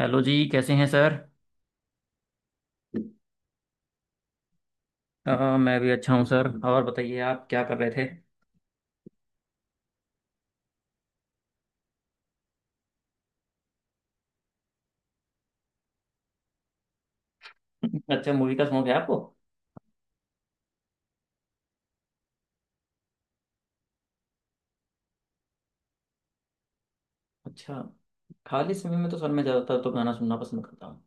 Hello जी, कैसे हैं सर। मैं भी अच्छा हूँ सर। और बताइए, आप क्या कर रहे थे। अच्छा, मूवी का शौक है आपको। अच्छा। खाली समय में तो सर मैं ज़्यादातर तो गाना सुनना पसंद करता हूँ।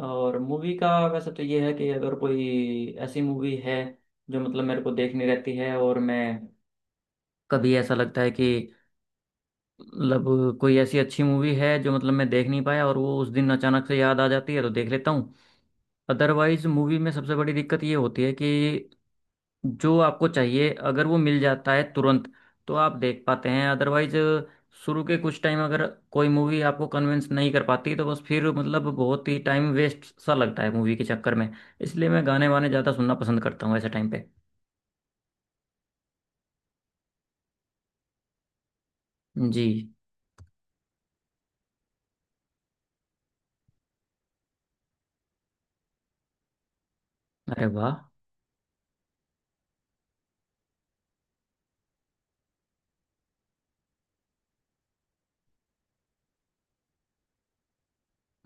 और मूवी का वैसे तो ये है कि अगर कोई ऐसी मूवी है जो मतलब मेरे को देखनी रहती है और मैं कभी ऐसा लगता है कि मतलब कोई ऐसी अच्छी मूवी है जो मतलब मैं देख नहीं पाया और वो उस दिन अचानक से याद आ जाती है तो देख लेता हूँ। अदरवाइज मूवी में सबसे बड़ी दिक्कत ये होती है कि जो आपको चाहिए अगर वो मिल जाता है तुरंत तो आप देख पाते हैं। अदरवाइज शुरू के कुछ टाइम अगर कोई मूवी आपको कन्विंस नहीं कर पाती तो बस फिर मतलब बहुत ही टाइम वेस्ट सा लगता है मूवी के चक्कर में। इसलिए मैं गाने वाने ज़्यादा सुनना पसंद करता हूँ ऐसे टाइम पे। जी। अरे वाह।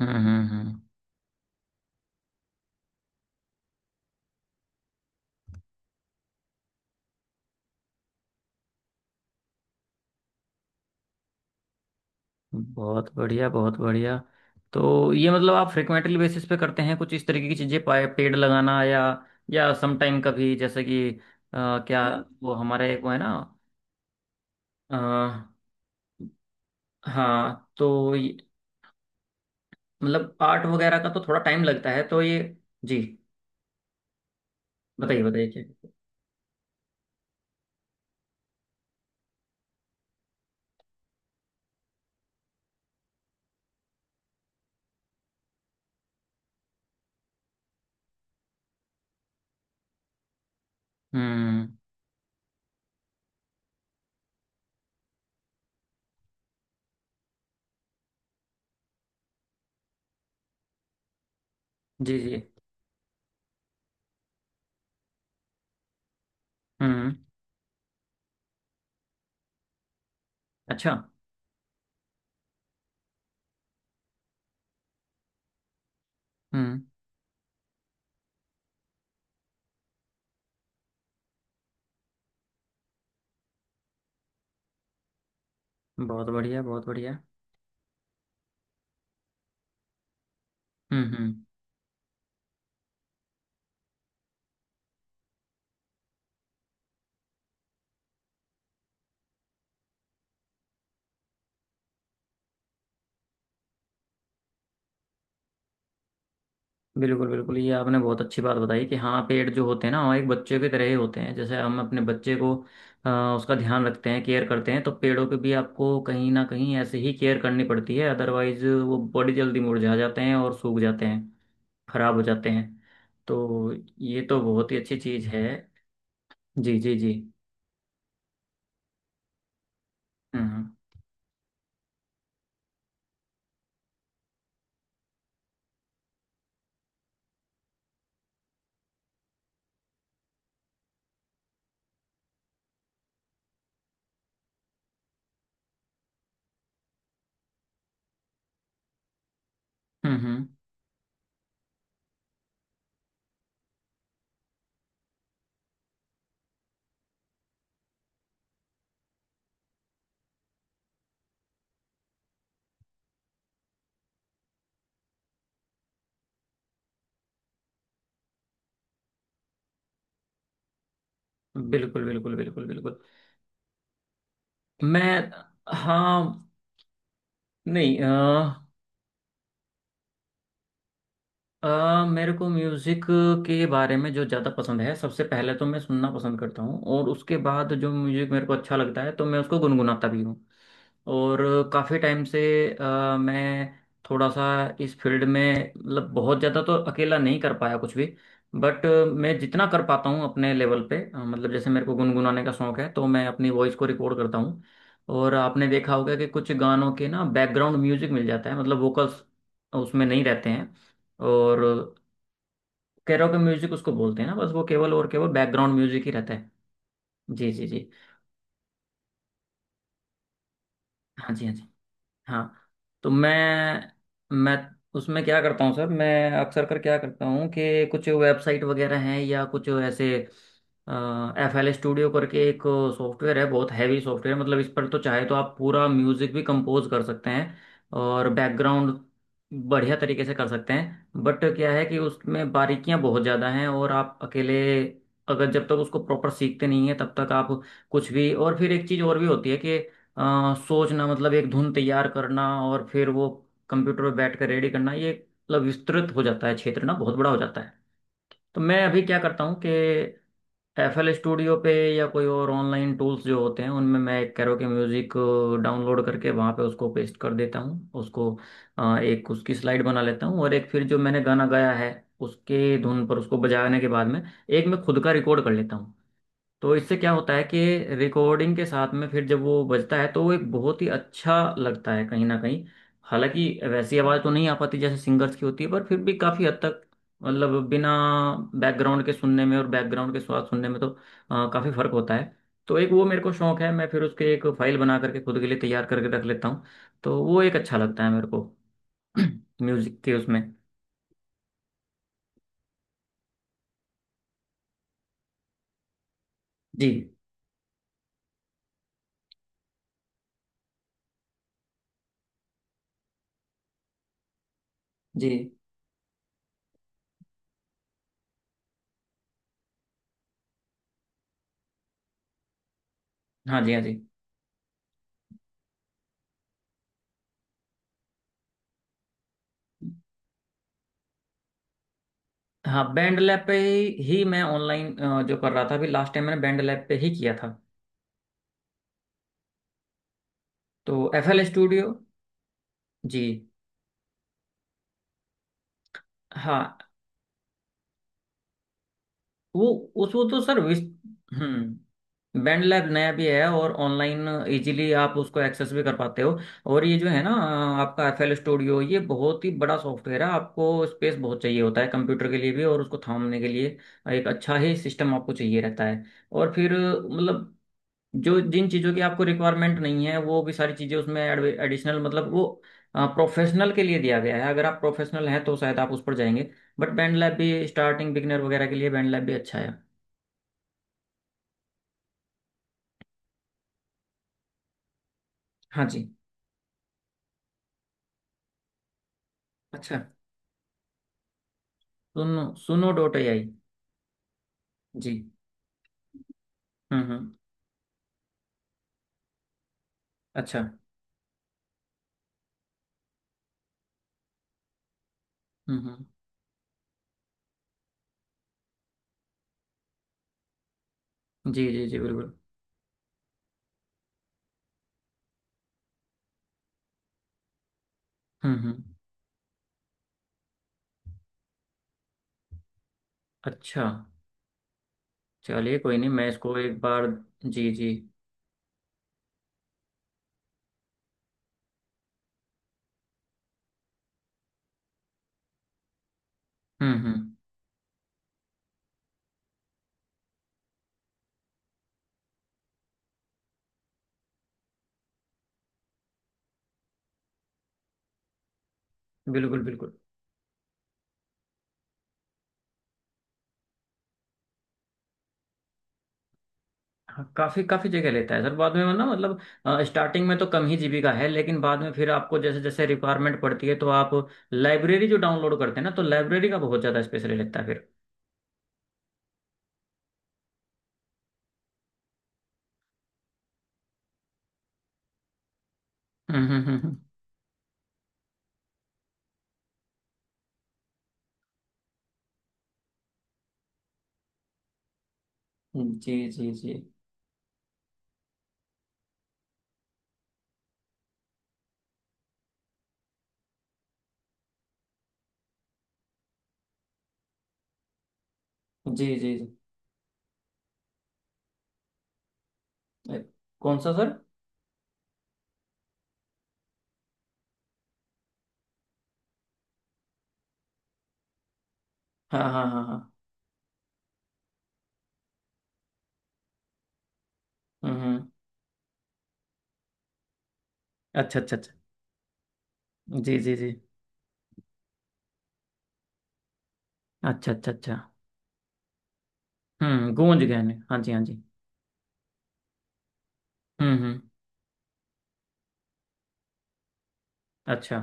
हम्म हम्म हम्म बहुत बढ़िया, बहुत बढ़िया। तो ये मतलब आप फ्रिक्वेंटली बेसिस पे करते हैं कुछ इस तरीके की चीज़ें, पाए- पेड़ लगाना या समटाइम कभी जैसे कि अ, क्या, हाँ वो हमारे एक वो है ना। हाँ तो ये- मतलब आर्ट वगैरह का तो थोड़ा टाइम लगता है तो ये। जी। बताइए बताइए क्या। हम्म जी जी। हम्म अच्छा। हम्म बहुत बढ़िया, बहुत बढ़िया। हम्म हम्म बिल्कुल बिल्कुल। ये आपने बहुत अच्छी बात बताई कि हाँ पेड़ जो होते हैं ना हमारे एक बच्चे की तरह ही होते हैं। जैसे हम अपने बच्चे को अ, उसका ध्यान रखते हैं, केयर करते हैं, तो पेड़ों पे भी आपको कहीं ना कहीं ऐसे ही केयर करनी पड़ती है। अदरवाइज वो बड़ी जल्दी मुरझा जाते हैं और सूख जाते हैं, खराब हो जाते हैं। तो ये तो बहुत ही अच्छी चीज़ है। जी जी जी। हम्म। हम्म हम्म, बिल्कुल बिल्कुल, बिल्कुल बिल्कुल। मैं। हाँ। नहीं मेरे को म्यूज़िक के बारे में जो ज़्यादा पसंद है, सबसे पहले तो मैं सुनना पसंद करता हूँ। और उसके बाद जो म्यूज़िक मेरे को अच्छा लगता है तो मैं उसको गुनगुनाता भी हूँ। और काफ़ी टाइम से मैं थोड़ा सा इस फील्ड में मतलब बहुत ज़्यादा तो अकेला नहीं कर पाया कुछ भी। बट मैं जितना कर पाता हूँ अपने लेवल पे, मतलब जैसे मेरे को गुनगुनाने का शौक है तो मैं अपनी वॉइस को रिकॉर्ड करता हूँ। और आपने देखा होगा कि कुछ गानों के ना बैकग्राउंड म्यूजिक मिल जाता है, मतलब वोकल्स उसमें नहीं रहते हैं। और कैरोके म्यूजिक उसको बोलते हैं ना, बस वो केवल और केवल बैकग्राउंड म्यूजिक ही रहता है। जी जी जी। हाँ जी हाँ जी। हाँ। तो मैं उसमें क्या करता हूँ सर, मैं अक्सर कर क्या करता हूँ कि कुछ वेबसाइट वगैरह हैं या कुछ ऐसे, एफ एल स्टूडियो करके एक सॉफ्टवेयर है। बहुत हैवी सॉफ्टवेयर, मतलब इस पर तो चाहे तो आप पूरा म्यूजिक भी कंपोज कर सकते हैं और बैकग्राउंड बढ़िया तरीके से कर सकते हैं। बट क्या है कि उसमें बारीकियां बहुत ज़्यादा हैं और आप अकेले अगर जब तक उसको प्रॉपर सीखते नहीं है तब तक आप कुछ भी। और फिर एक चीज़ और भी होती है, सोचना, मतलब एक धुन तैयार करना और फिर वो कंप्यूटर पे बैठ कर रेडी करना। ये मतलब विस्तृत हो जाता है, क्षेत्र ना बहुत बड़ा हो जाता है। तो मैं अभी क्या करता हूँ कि एफ एल स्टूडियो पे या कोई और ऑनलाइन टूल्स जो होते हैं उनमें मैं एक कैरोके म्यूजिक डाउनलोड करके वहाँ पे उसको पेस्ट कर देता हूँ। उसको एक उसकी स्लाइड बना लेता हूँ और एक फिर जो मैंने गाना गाया है उसके धुन पर उसको बजाने के बाद में एक मैं खुद का रिकॉर्ड कर लेता हूँ। तो इससे क्या होता है कि रिकॉर्डिंग के साथ में फिर जब वो बजता है तो वो एक बहुत ही अच्छा लगता है कहीं ना कहीं। हालांकि वैसी आवाज़ तो नहीं आ पाती जैसे सिंगर्स की होती है, पर फिर भी काफ़ी हद तक, मतलब बिना बैकग्राउंड के सुनने में और बैकग्राउंड के साथ सुनने में तो काफ़ी फ़र्क होता है। तो एक वो मेरे को शौक है, मैं फिर उसके एक फाइल बना करके खुद के लिए तैयार करके रख लेता हूँ। तो वो एक अच्छा लगता है मेरे को म्यूजिक के उसमें। जी जी। हाँ जी हाँ जी। हाँ, बैंड लैब पे ही मैं ऑनलाइन जो कर रहा था, अभी लास्ट टाइम मैंने बैंड लैब पे ही किया था। तो एफ एल स्टूडियो। जी। हाँ। वो वो तो सर विस। बैंड लैब नया भी है और ऑनलाइन इजीली आप उसको एक्सेस भी कर पाते हो। और ये जो है ना आपका एफ एल स्टूडियो, ये बहुत ही बड़ा सॉफ्टवेयर है, आपको स्पेस बहुत चाहिए होता है कंप्यूटर के लिए भी। और उसको थामने के लिए एक अच्छा ही सिस्टम आपको चाहिए रहता है। और फिर मतलब जो जिन चीज़ों की आपको रिक्वायरमेंट नहीं है वो भी सारी चीज़ें उसमें एडिशनल, मतलब वो प्रोफेशनल के लिए दिया गया है। अगर आप प्रोफेशनल हैं तो शायद आप उस पर जाएंगे। बट बैंड लैब भी स्टार्टिंग बिगनर वगैरह के लिए बैंड लैब भी अच्छा है। हाँ जी। अच्छा। सुनो, सुनो डॉट ए आई। जी। हम्म। अच्छा। हम्म हम्म, जी जी जी बिल्कुल। हम्म हम्म अच्छा। चलिए कोई नहीं, मैं इसको एक बार। जी जी। हम्म हम्म बिल्कुल बिल्कुल। हाँ, काफी काफी जगह लेता है सर, बाद में ना, मतलब स्टार्टिंग में तो कम ही जीबी का है लेकिन बाद में फिर आपको जैसे जैसे रिक्वायरमेंट पड़ती है तो आप लाइब्रेरी जो डाउनलोड करते हैं ना, तो लाइब्रेरी का बहुत ज्यादा स्पेस ले लेता है फिर। हम्म हम्म हम्म जी जी जी। जी जी जी। अ, कौन सा सर। हाँ हाँ हाँ हाँ। हम्म हम्म, अच्छा अच्छा अच्छा। जी जी जी। अच्छा अच्छा अच्छा। हम्म, गूंज, गए ने, हाँ जी हाँ जी। हम्म हम्म अच्छा।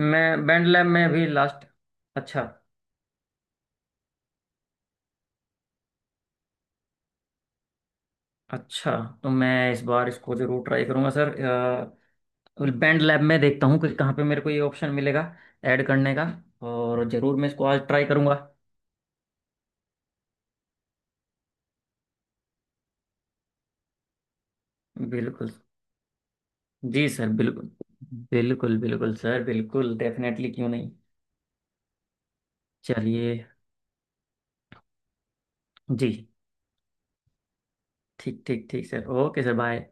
मैं बैंड लैब में भी लास्ट। अच्छा। अच्छा, तो मैं इस बार इसको जरूर ट्राई करूंगा सर। बैंड लैब में देखता हूँ कि कहाँ पे मेरे को ये ऑप्शन मिलेगा ऐड करने का। और ज़रूर मैं इसको आज ट्राई करूँगा। बिल्कुल। जी सर बिल्कुल। बिल्कुल बिल्कुल सर, बिल्कुल डेफिनेटली, क्यों नहीं। चलिए। जी। ठीक ठीक ठीक सर, ओके सर, बाय।